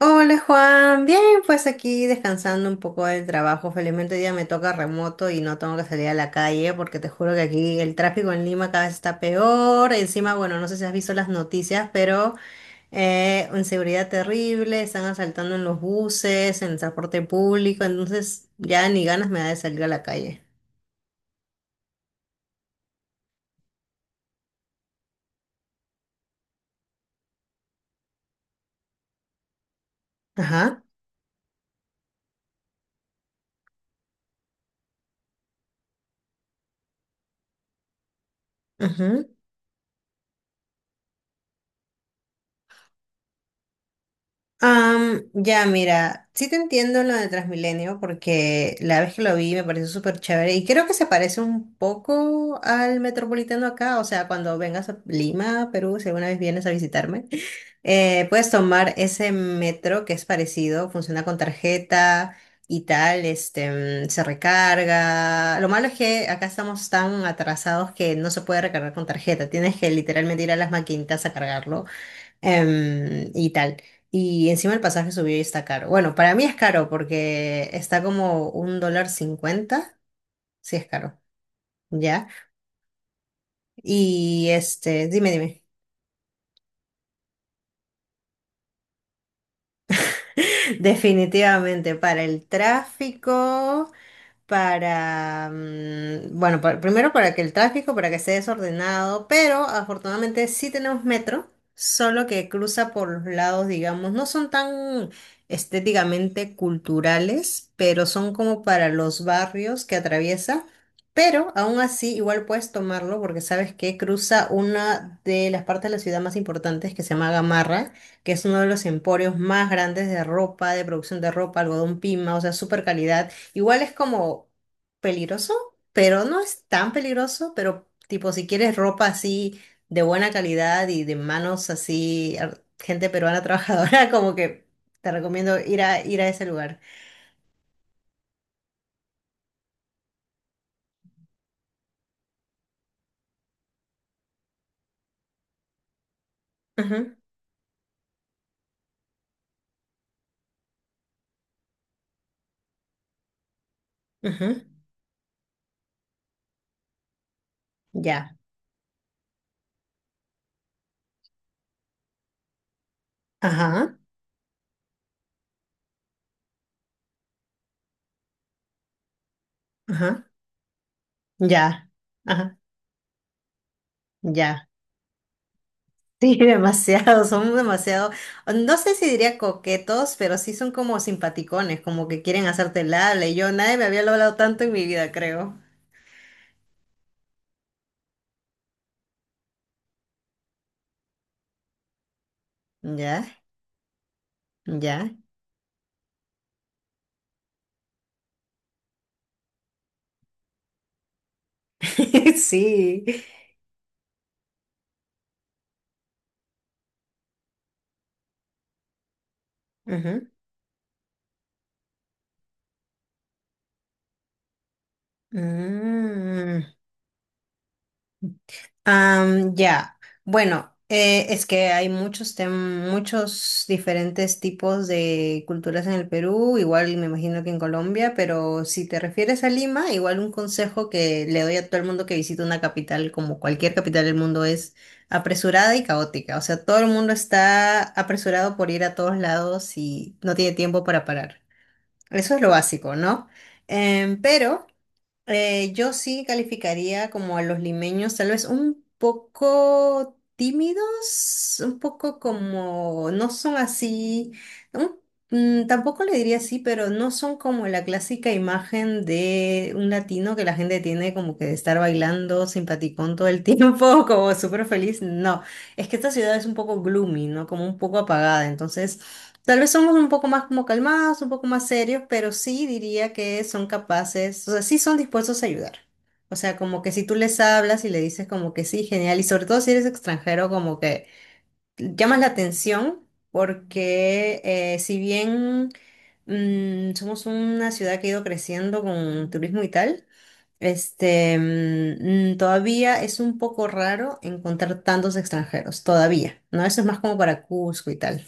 Hola Juan, bien, pues aquí descansando un poco del trabajo. Felizmente hoy día me toca remoto y no tengo que salir a la calle porque te juro que aquí el tráfico en Lima cada vez está peor. Encima, bueno, no sé si has visto las noticias, pero inseguridad terrible, están asaltando en los buses, en el transporte público, entonces ya ni ganas me da de salir a la calle. Ajá. Ya, mira, sí te entiendo lo de Transmilenio porque la vez que lo vi me pareció súper chévere y creo que se parece un poco al Metropolitano acá, o sea, cuando vengas a Lima, Perú, si alguna vez vienes a visitarme, puedes tomar ese metro que es parecido, funciona con tarjeta y tal, se recarga. Lo malo es que acá estamos tan atrasados que no se puede recargar con tarjeta, tienes que literalmente ir a las maquinitas a cargarlo. Y tal. Y encima el pasaje subió y está caro. Bueno, para mí es caro porque está como $1.50. Sí, es caro. Ya. Y dime, dime. Definitivamente, para el tráfico. Para, mm, bueno, pa- Primero para que esté desordenado, pero afortunadamente sí tenemos metro, solo que cruza por los lados, digamos, no son tan estéticamente culturales, pero son como para los barrios que atraviesa. Pero aún así, igual puedes tomarlo porque sabes que cruza una de las partes de la ciudad más importantes que se llama Gamarra, que es uno de los emporios más grandes de ropa, de producción de ropa, algodón pima, o sea, super calidad. Igual es como peligroso, pero no es tan peligroso, pero tipo si quieres ropa así de buena calidad y de manos así, ar- gente peruana trabajadora, como que te recomiendo ir a ese lugar. Ujú, ujú. Ya. Ajá, ajá, ya, ajá, ya. Sí, son demasiado, no sé si diría coquetos, pero sí son como simpaticones, como que quieren hacerte el habla, y yo nadie me había hablado tanto en mi vida, creo. Ya, ya. Sí. Ujú. Mm. Ya. Bueno, es que hay muchos diferentes tipos de culturas en el Perú, igual me imagino que en Colombia, pero si te refieres a Lima, igual un consejo que le doy a todo el mundo que visita una capital, como cualquier capital del mundo, es apresurada y caótica. O sea, todo el mundo está apresurado por ir a todos lados y no tiene tiempo para parar. Eso es lo básico, ¿no? Pero yo sí calificaría como a los limeños, tal vez un poco tímidos, un poco como, no son así, un- tampoco le diría así, pero no son como la clásica imagen de un latino que la gente tiene como que de estar bailando simpaticón todo el tiempo, como súper feliz. No, es que esta ciudad es un poco gloomy, ¿no? Como un poco apagada, entonces... Tal vez somos un poco más como calmados, un poco más serios, pero sí diría que son capaces, o sea, sí son dispuestos a ayudar. O sea, como que si tú les hablas y le dices como que sí, genial, y sobre todo si eres extranjero, como que llamas la atención porque si bien somos una ciudad que ha ido creciendo con turismo y tal, todavía es un poco raro encontrar tantos extranjeros, todavía, ¿no? Eso es más como para Cusco y tal.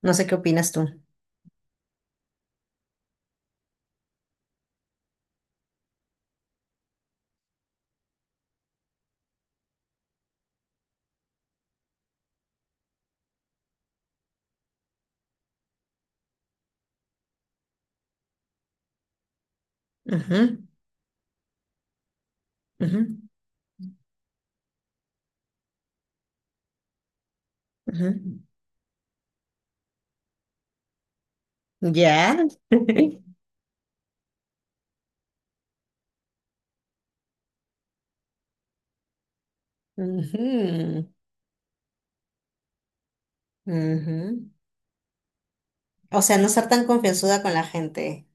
No sé qué opinas tú. Ajá, ajá, ajá. Ya. Ujú, ujú. O sea, no ser tan confianzuda con la gente.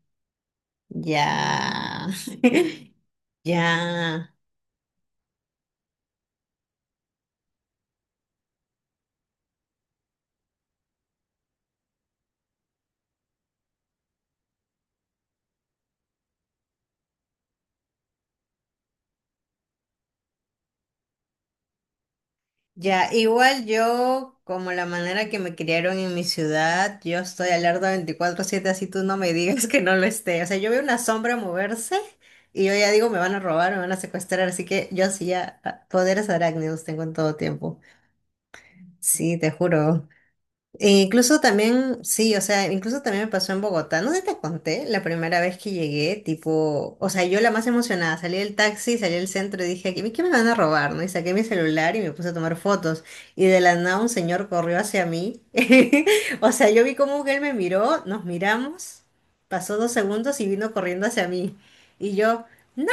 Ya. Ya. Ya. Igual yo, como la manera que me criaron en mi ciudad, yo estoy alerta 24/7 así tú no me digas que no lo esté. O sea, yo veo una sombra moverse y yo ya digo, me van a robar, me van a secuestrar, así que yo sí ya poderes arácnidos tengo en todo tiempo. Sí, te juro. E incluso también, sí, o sea, incluso también me pasó en Bogotá. No sé, si te conté la primera vez que llegué, tipo, o sea, yo la más emocionada, salí del taxi, salí del centro y dije, ¿qué me van a robar? ¿No? Y saqué mi celular y me puse a tomar fotos. Y de la nada un señor corrió hacia mí. O sea, yo vi cómo él me miró, nos miramos, pasó 2 segundos y vino corriendo hacia mí. Y yo, no,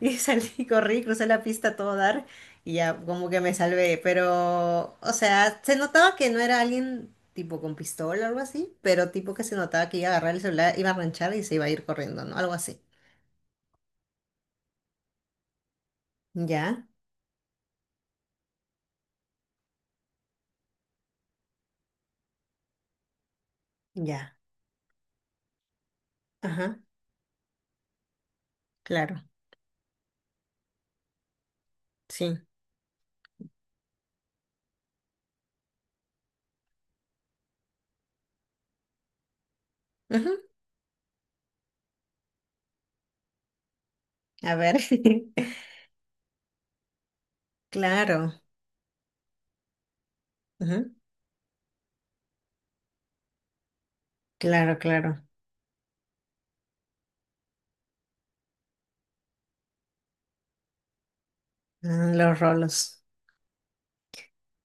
y salí, corrí, crucé la pista a todo dar y ya como que me salvé. Pero, o sea, se notaba que no era alguien tipo con pistola o algo así, pero tipo que se notaba que iba a agarrar el celular, iba a ranchar y se iba a ir corriendo, ¿no? Algo así. Ya, ya. Ajá, claro, sí. Ujú. A ver. Claro. Ujú. Claro, claro. Ah, los rolos.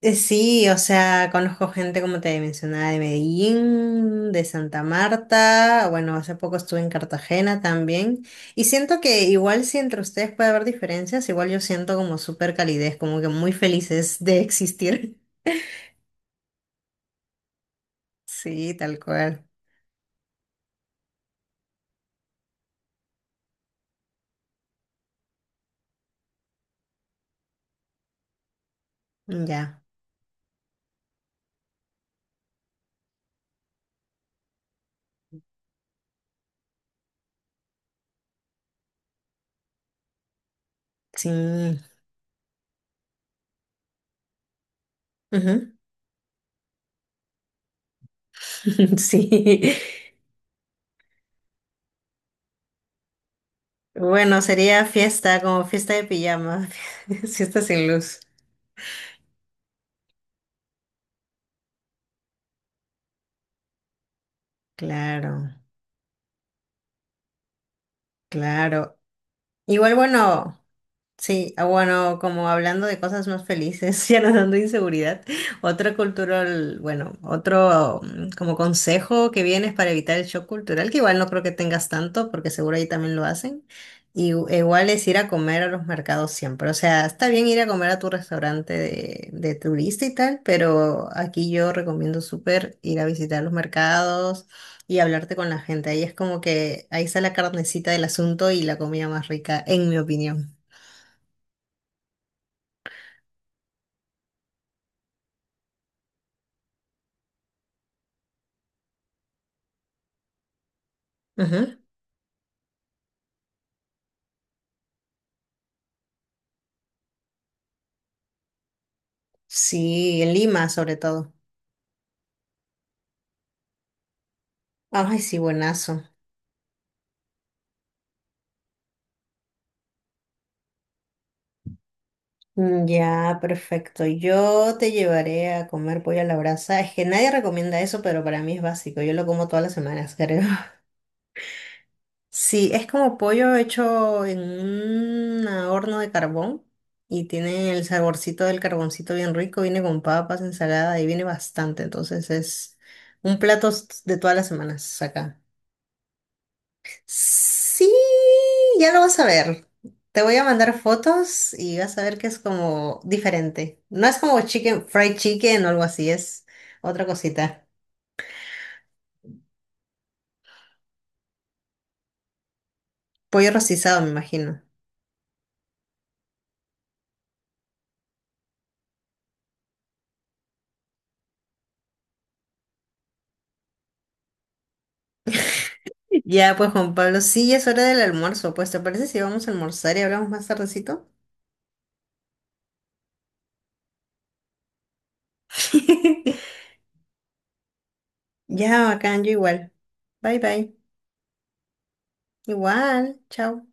Sí, o sea, conozco gente, como te mencionaba, de Medellín, de Santa Marta, bueno, hace poco estuve en Cartagena también, y siento que igual si entre ustedes puede haber diferencias, igual yo siento como súper calidez, como que muy felices de existir. Sí, tal cual. Ya, sí. Ujú. Sí. Bueno, sería fiesta, como fiesta de pijama, fiesta sin luz. Claro, claro. Igual, bueno. Sí, bueno, como hablando de cosas más felices, ya no dando inseguridad, otro cultural, bueno, otro como consejo que vienes para evitar el shock cultural, que igual no creo que tengas tanto, porque seguro ahí también lo hacen, y igual es ir a comer a los mercados siempre, o sea, está bien ir a comer a tu restaurante de turista y tal, pero aquí yo recomiendo súper ir a visitar los mercados y hablarte con la gente, ahí es como que ahí está la carnecita del asunto y la comida más rica, en mi opinión. Ajá. Sí, en Lima sobre todo. Ay, sí, buenazo. Ya, perfecto. Yo te llevaré a comer pollo a la brasa. Es que nadie recomienda eso, pero para mí es básico. Yo lo como todas las semanas, creo. Sí, es como pollo hecho en un horno de carbón y tiene el saborcito del carboncito bien rico. Viene con papas, ensalada y viene bastante. Entonces es un plato de todas las semanas acá. Sí, ya lo vas a ver. Te voy a mandar fotos y vas a ver que es como diferente. No es como chicken, fried chicken o algo así, es otra cosita. Pollo rostizado, me imagino. Ya, pues Juan Pablo, sí, ya es hora del almuerzo. Pues, ¿te parece si vamos a almorzar y hablamos más tardecito? Ya, bacán, yo igual. Bye, bye. Igual, chao.